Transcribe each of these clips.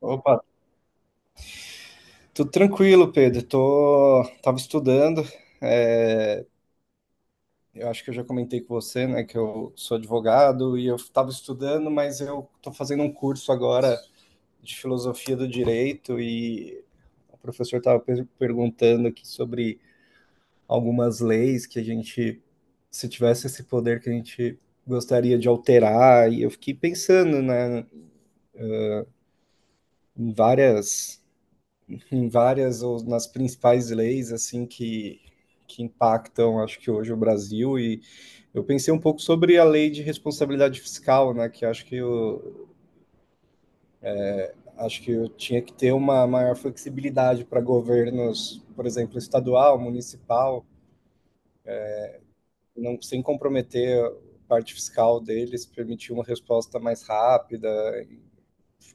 Opa, tudo tranquilo, Pedro. Tava estudando. é, eu acho que eu já comentei com você, né, que eu sou advogado e eu estava estudando, mas eu tô fazendo um curso agora de filosofia do direito e o professor estava perguntando aqui sobre algumas leis que a gente, se tivesse esse poder que a gente gostaria de alterar, e eu fiquei pensando, né, em várias em várias ou nas principais leis assim que impactam, acho que hoje o Brasil e eu pensei um pouco sobre a lei de responsabilidade fiscal, né, que acho que eu tinha que ter uma maior flexibilidade para governos, por exemplo, estadual, municipal, não sem comprometer a parte fiscal deles, permitir uma resposta mais rápida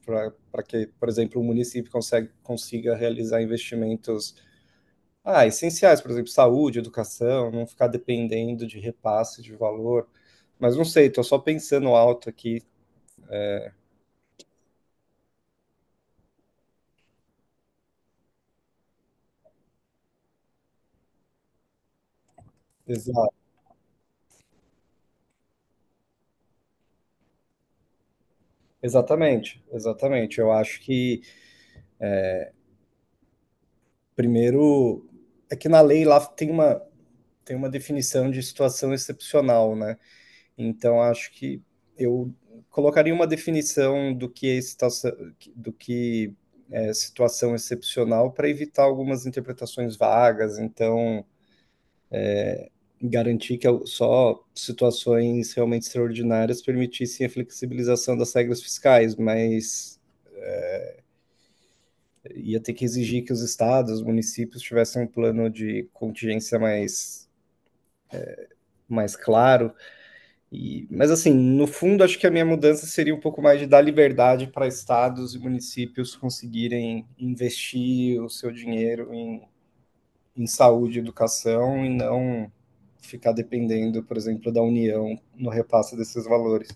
para que, por exemplo, o município consiga realizar investimentos essenciais, por exemplo, saúde, educação, não ficar dependendo de repasse de valor. Mas não sei, estou só pensando alto aqui. Exa exatamente, exatamente. Eu acho que primeiro é que na lei lá tem uma, definição de situação excepcional, né? Então acho que eu colocaria uma definição do que é situação excepcional para evitar algumas interpretações vagas. Então garantir que só situações realmente extraordinárias permitissem a flexibilização das regras fiscais, mas ia ter que exigir que os estados, os municípios tivessem um plano de contingência mais claro. E, mas assim, no fundo, acho que a minha mudança seria um pouco mais de dar liberdade para estados e municípios conseguirem investir o seu dinheiro em, saúde e educação e não ficar dependendo, por exemplo, da União no repasse desses valores.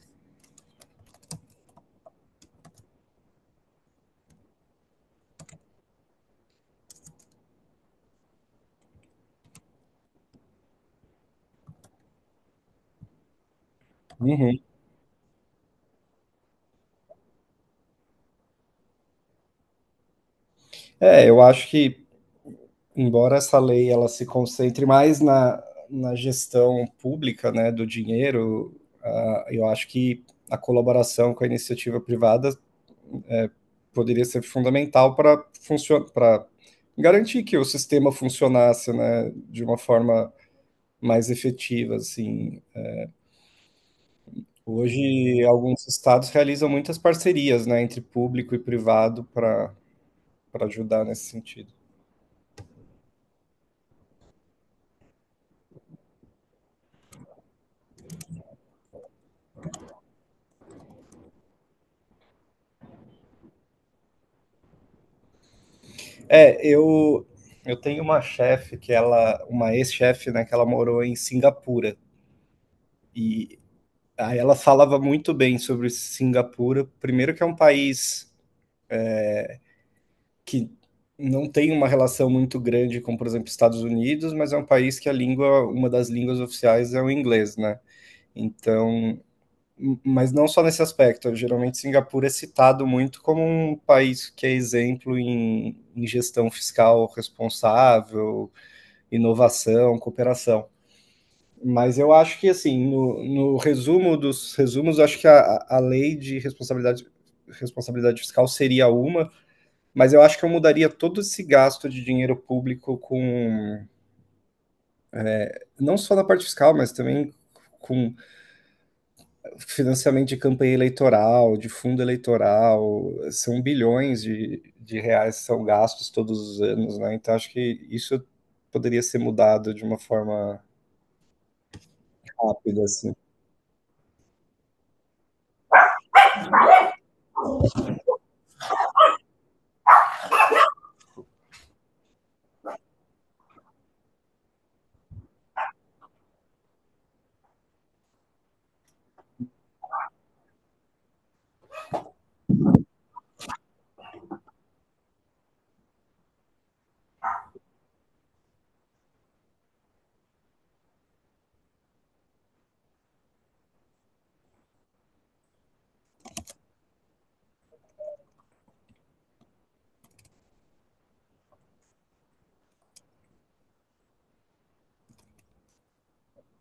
Uhum. É, eu acho que, embora essa lei ela se concentre mais na, gestão pública, né, do dinheiro, eu acho que a colaboração com a iniciativa privada eh, poderia ser fundamental para garantir que o sistema funcionasse, né, de uma forma mais efetiva, assim. Hoje, alguns estados realizam muitas parcerias, né, entre público e privado para ajudar nesse sentido. É, eu tenho uma chefe uma ex-chefe, né, que ela morou em Singapura e aí ela falava muito bem sobre Singapura. Primeiro que é um país que não tem uma relação muito grande com, por exemplo, Estados Unidos, mas é um país que a língua, uma das línguas oficiais é o inglês, né? Então, mas não só nesse aspecto. Geralmente Singapura é citado muito como um país que é exemplo em, gestão fiscal responsável, inovação, cooperação. Mas eu acho que, assim, no, resumo dos resumos, eu acho que a, lei de responsabilidade fiscal seria uma, mas eu acho que eu mudaria todo esse gasto de dinheiro público com, não só na parte fiscal, mas também com financiamento de campanha eleitoral, de fundo eleitoral, são bilhões de reais que são gastos todos os anos, né? Então acho que isso poderia ser mudado de uma forma rápida, assim.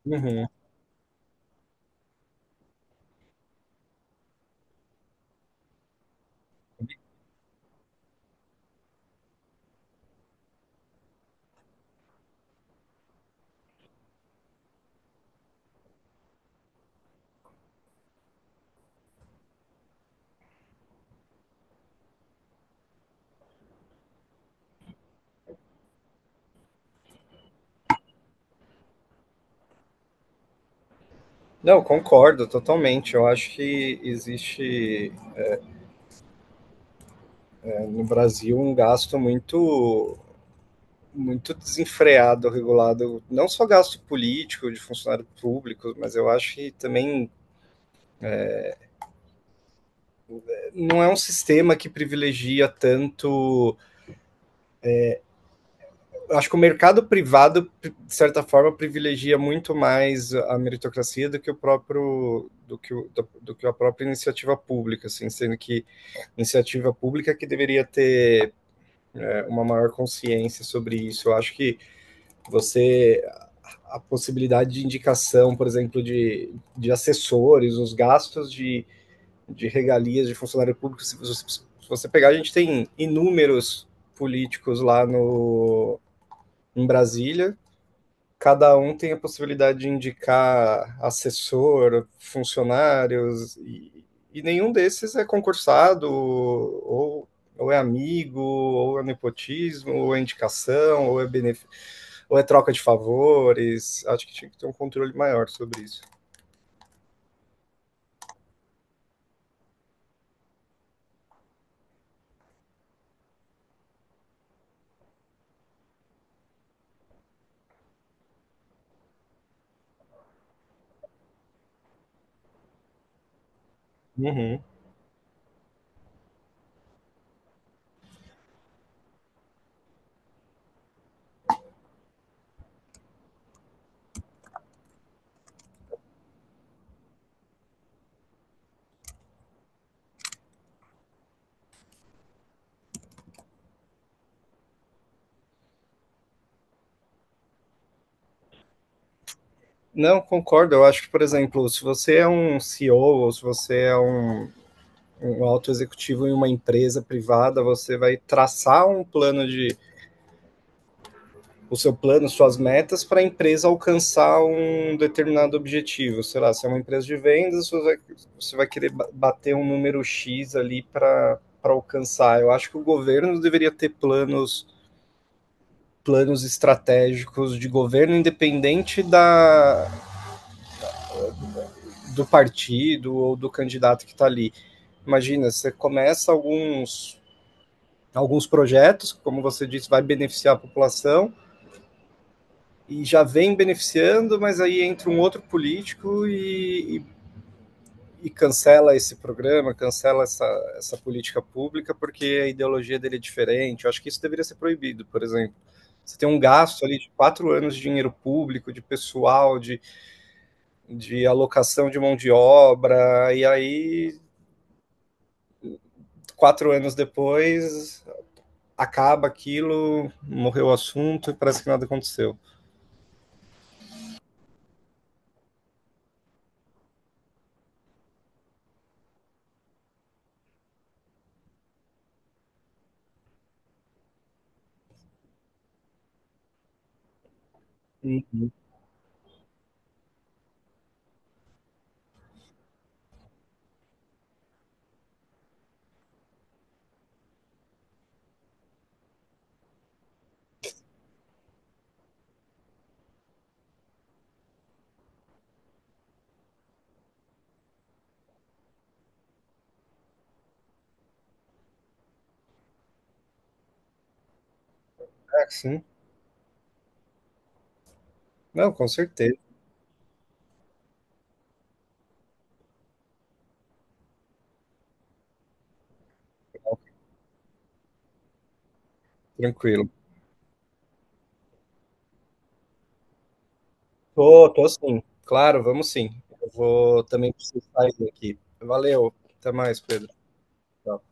Uhum. Não, concordo totalmente. Eu acho que existe no Brasil um gasto muito muito desenfreado, regulado, não só gasto político de funcionário público, mas eu acho que também não é um sistema que privilegia tanto. Eu acho que o mercado privado, de certa forma, privilegia muito mais a meritocracia do que o próprio. Do que a própria iniciativa pública, assim, sendo que iniciativa pública que deveria ter uma maior consciência sobre isso. Eu acho que você a possibilidade de indicação, por exemplo, de, assessores, os gastos de regalias de funcionário público, se você pegar, a gente tem inúmeros políticos lá no, em Brasília cada um tem a possibilidade de indicar assessor, funcionários, e, nenhum desses é concursado, ou é amigo, ou é nepotismo, ou é indicação, ou é benefício, ou é troca de favores. Acho que tinha que ter um controle maior sobre isso. Uhum. Não, concordo. Eu acho que, por exemplo, se você é um CEO ou se você é um alto executivo em uma empresa privada, você vai traçar um plano de o seu plano, suas metas para a empresa alcançar um determinado objetivo. Sei lá, se é uma empresa de vendas, você vai, querer bater um número X ali para alcançar. Eu acho que o governo deveria ter planos estratégicos de governo independente da, do partido ou do candidato que está ali. Imagina, você começa alguns projetos, como você disse, vai beneficiar a população, e já vem beneficiando, mas aí entra um outro político e, cancela esse programa, cancela essa política pública porque a ideologia dele é diferente. Eu acho que isso deveria ser proibido, por exemplo. Você tem um gasto ali de 4 anos de dinheiro público, de pessoal, de alocação de mão de obra, e aí 4 anos depois acaba aquilo, morreu o assunto e parece que nada aconteceu. É assim? Não, com certeza, tranquilo. Tô, tô sim. Claro, vamos sim. Eu vou também precisar sair aqui. Valeu. Até mais, Pedro. Tchau.